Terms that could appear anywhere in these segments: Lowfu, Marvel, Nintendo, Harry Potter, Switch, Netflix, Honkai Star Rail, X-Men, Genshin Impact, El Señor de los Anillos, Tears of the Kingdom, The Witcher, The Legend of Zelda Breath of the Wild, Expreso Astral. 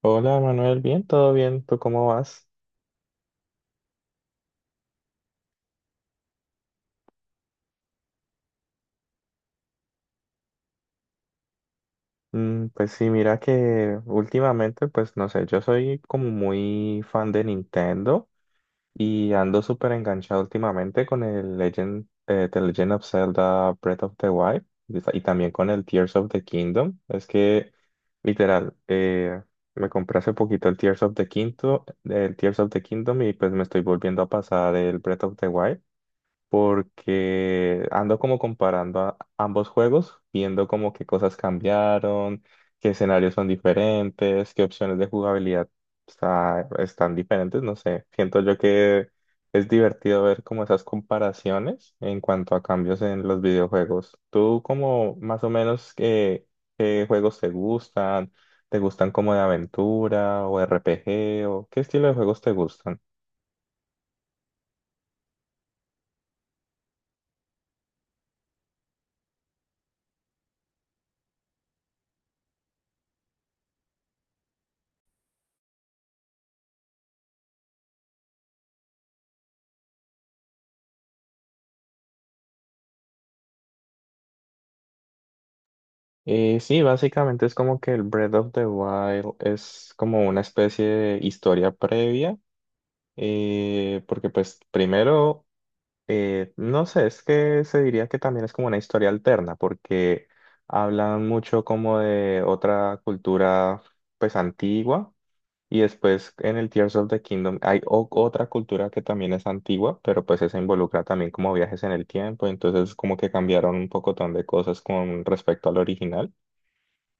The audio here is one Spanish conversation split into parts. Hola Manuel, bien, todo bien, ¿tú cómo vas? Mm, pues sí, mira que últimamente, pues no sé, yo soy como muy fan de Nintendo y ando súper enganchado últimamente con el Legend, The Legend of Zelda Breath of the Wild y y también con el Tears of the Kingdom. Es que, literal, me compré hace poquito el Tears of the Kingdom, el Tears of the Kingdom y pues me estoy volviendo a pasar el Breath of the Wild, porque ando como comparando ambos juegos, viendo como qué cosas cambiaron, qué escenarios son diferentes, qué opciones de jugabilidad están diferentes, no sé. Siento yo que es divertido ver como esas comparaciones en cuanto a cambios en los videojuegos. ¿Tú como más o menos qué, qué juegos te gustan? ¿Te gustan como de aventura o RPG o qué estilo de juegos te gustan? Y sí, básicamente es como que el Breath of the Wild es como una especie de historia previa, porque pues primero, no sé, es que se diría que también es como una historia alterna, porque hablan mucho como de otra cultura pues antigua, y después en el Tears of the Kingdom hay otra cultura que también es antigua, pero pues esa involucra también como viajes en el tiempo, entonces como que cambiaron un pocotón de cosas con respecto al original.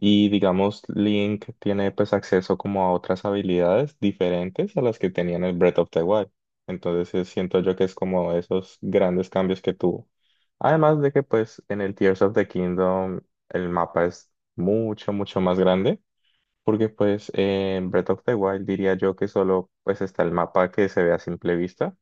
Y digamos, Link tiene pues acceso como a otras habilidades diferentes a las que tenía en el Breath of the Wild. Entonces siento yo que es como esos grandes cambios que tuvo. Además de que pues en el Tears of the Kingdom el mapa es mucho, mucho más grande. Porque pues en Breath of the Wild diría yo que solo pues está el mapa que se ve a simple vista,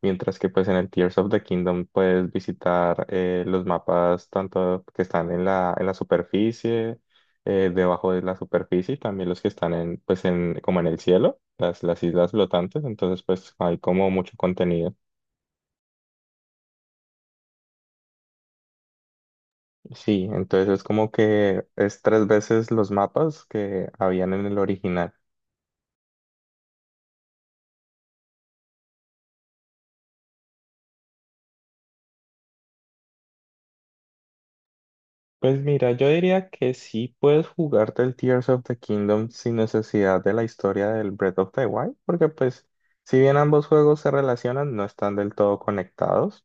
mientras que pues en el Tears of the Kingdom puedes visitar los mapas tanto que están en la superficie, debajo de la superficie y también los que están en pues en como en el cielo, las islas flotantes, entonces pues hay como mucho contenido. Sí, entonces es como que es tres veces los mapas que habían en el original. Pues mira, yo diría que sí puedes jugarte el Tears of the Kingdom sin necesidad de la historia del Breath of the Wild, porque pues si bien ambos juegos se relacionan, no están del todo conectados.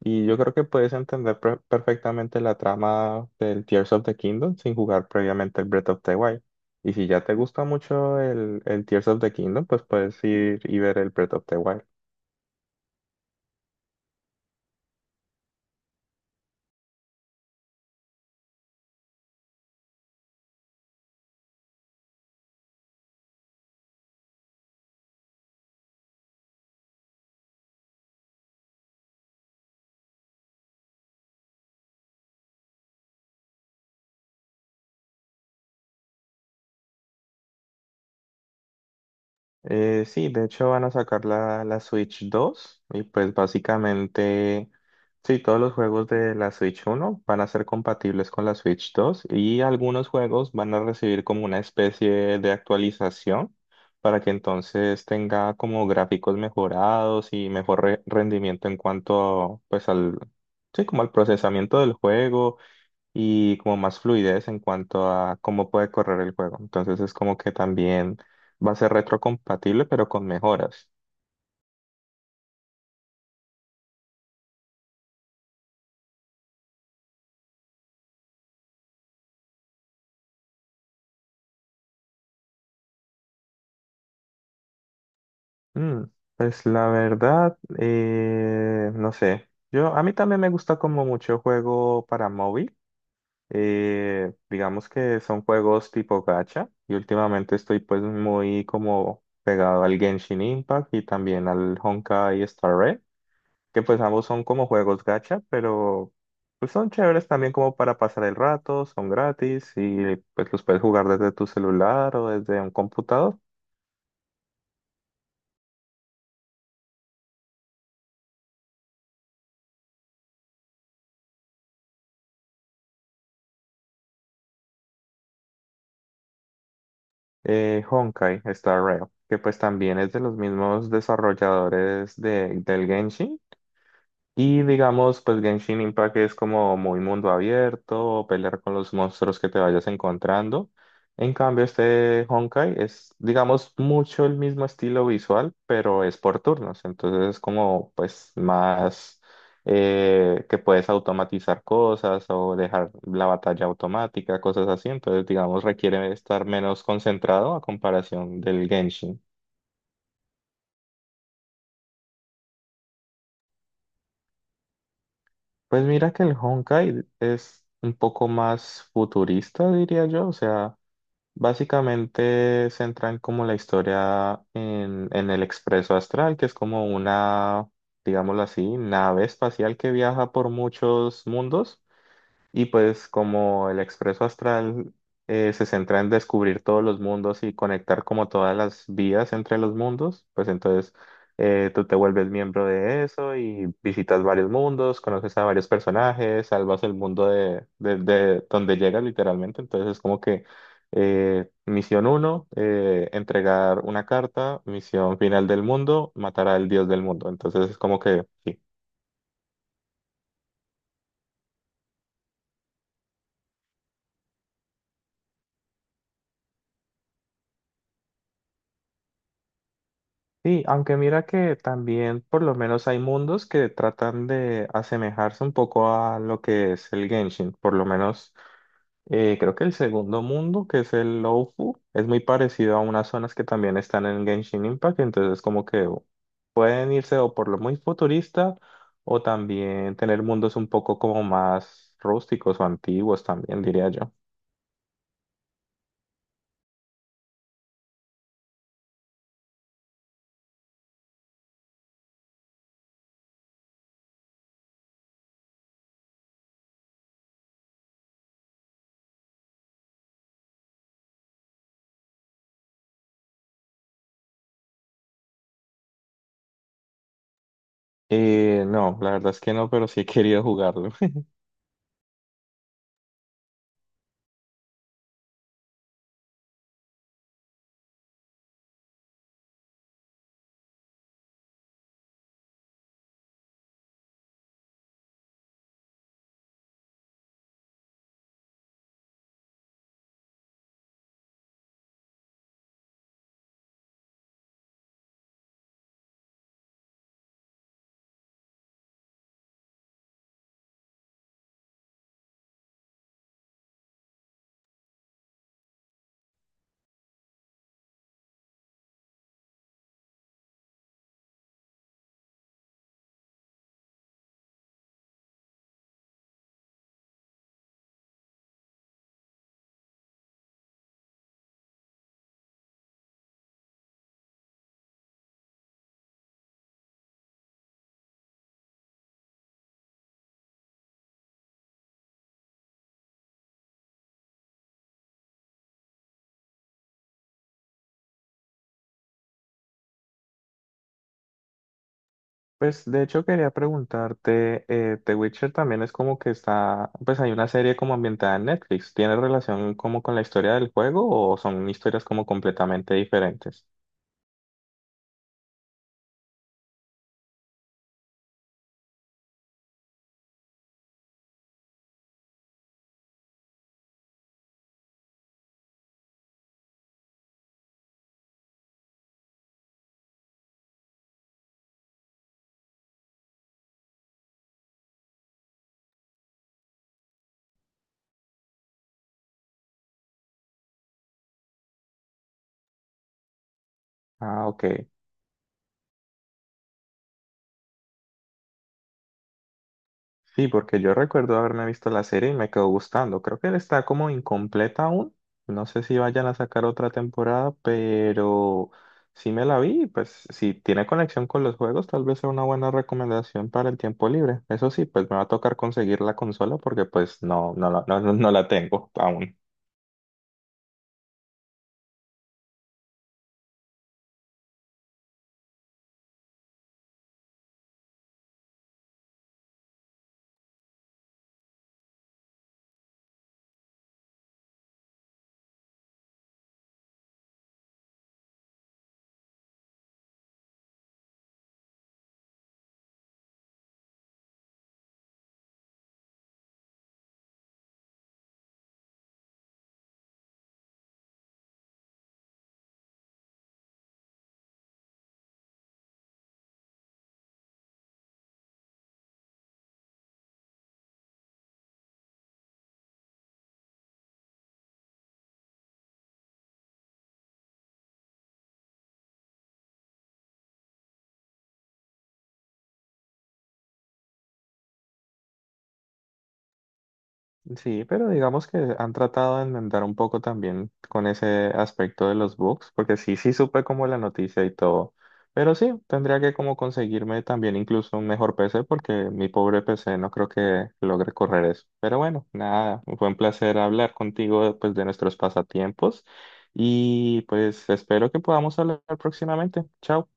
Y yo creo que puedes entender perfectamente la trama del Tears of the Kingdom sin jugar previamente el Breath of the Wild. Y si ya te gusta mucho el Tears of the Kingdom, pues puedes ir y ver el Breath of the Wild. Sí, de hecho van a sacar la, la Switch 2 y pues básicamente, sí, todos los juegos de la Switch uno van a ser compatibles con la Switch 2 y algunos juegos van a recibir como una especie de actualización para que entonces tenga como gráficos mejorados y mejor rendimiento en cuanto pues al, sí, como al procesamiento del juego y como más fluidez en cuanto a cómo puede correr el juego. Entonces es como que también va a ser retrocompatible, pero con mejoras. Mm, pues la verdad, no sé. Yo, a mí también me gusta como mucho juego para móvil. Digamos que son juegos tipo gacha y últimamente estoy pues muy como pegado al Genshin Impact y también al Honkai Star Rail, que pues ambos son como juegos gacha, pero pues son chéveres también como para pasar el rato, son gratis y pues los puedes jugar desde tu celular o desde un computador. Honkai Star Rail, que pues también es de los mismos desarrolladores de, del Genshin. Y digamos, pues Genshin Impact es como muy mundo abierto, pelear con los monstruos que te vayas encontrando. En cambio, este Honkai es, digamos, mucho el mismo estilo visual, pero es por turnos. Entonces es como, pues, más que puedes automatizar cosas o dejar la batalla automática, cosas así. Entonces, digamos, requiere estar menos concentrado a comparación del Genshin. Pues mira que el Honkai es un poco más futurista, diría yo. O sea, básicamente centran como la historia en el Expreso Astral, que es como una, digámoslo así, nave espacial que viaja por muchos mundos. Y pues como el expreso astral se centra en descubrir todos los mundos y conectar como todas las vías entre los mundos, pues entonces tú te vuelves miembro de eso y visitas varios mundos, conoces a varios personajes, salvas el mundo de, de donde llegas literalmente. Entonces es como que misión 1, entregar una carta, misión final del mundo, matar al dios del mundo. Entonces es como que... sí. Sí, aunque mira que también por lo menos hay mundos que tratan de asemejarse un poco a lo que es el Genshin. Por lo menos creo que el segundo mundo, que es el Lowfu, es muy parecido a unas zonas que también están en Genshin Impact. Entonces como que pueden irse o por lo muy futurista o también tener mundos un poco como más rústicos o antiguos también, diría yo. No, la verdad es que no, pero sí he querido jugarlo. Pues de hecho quería preguntarte, The Witcher también es como que está, pues hay una serie como ambientada en Netflix. ¿Tiene relación como con la historia del juego o son historias como completamente diferentes? Ah, ok. Sí, porque yo recuerdo haberme visto la serie y me quedó gustando. Creo que está como incompleta aún. No sé si vayan a sacar otra temporada, pero sí me la vi. Pues si tiene conexión con los juegos, tal vez sea una buena recomendación para el tiempo libre. Eso sí, pues me va a tocar conseguir la consola porque pues no, no, no, no la tengo aún. Sí, pero digamos que han tratado de enmendar un poco también con ese aspecto de los bugs, porque sí, sí supe como la noticia y todo, pero sí, tendría que como conseguirme también incluso un mejor PC, porque mi pobre PC no creo que logre correr eso. Pero bueno, nada, fue un placer hablar contigo pues de nuestros pasatiempos y pues espero que podamos hablar próximamente. Chao.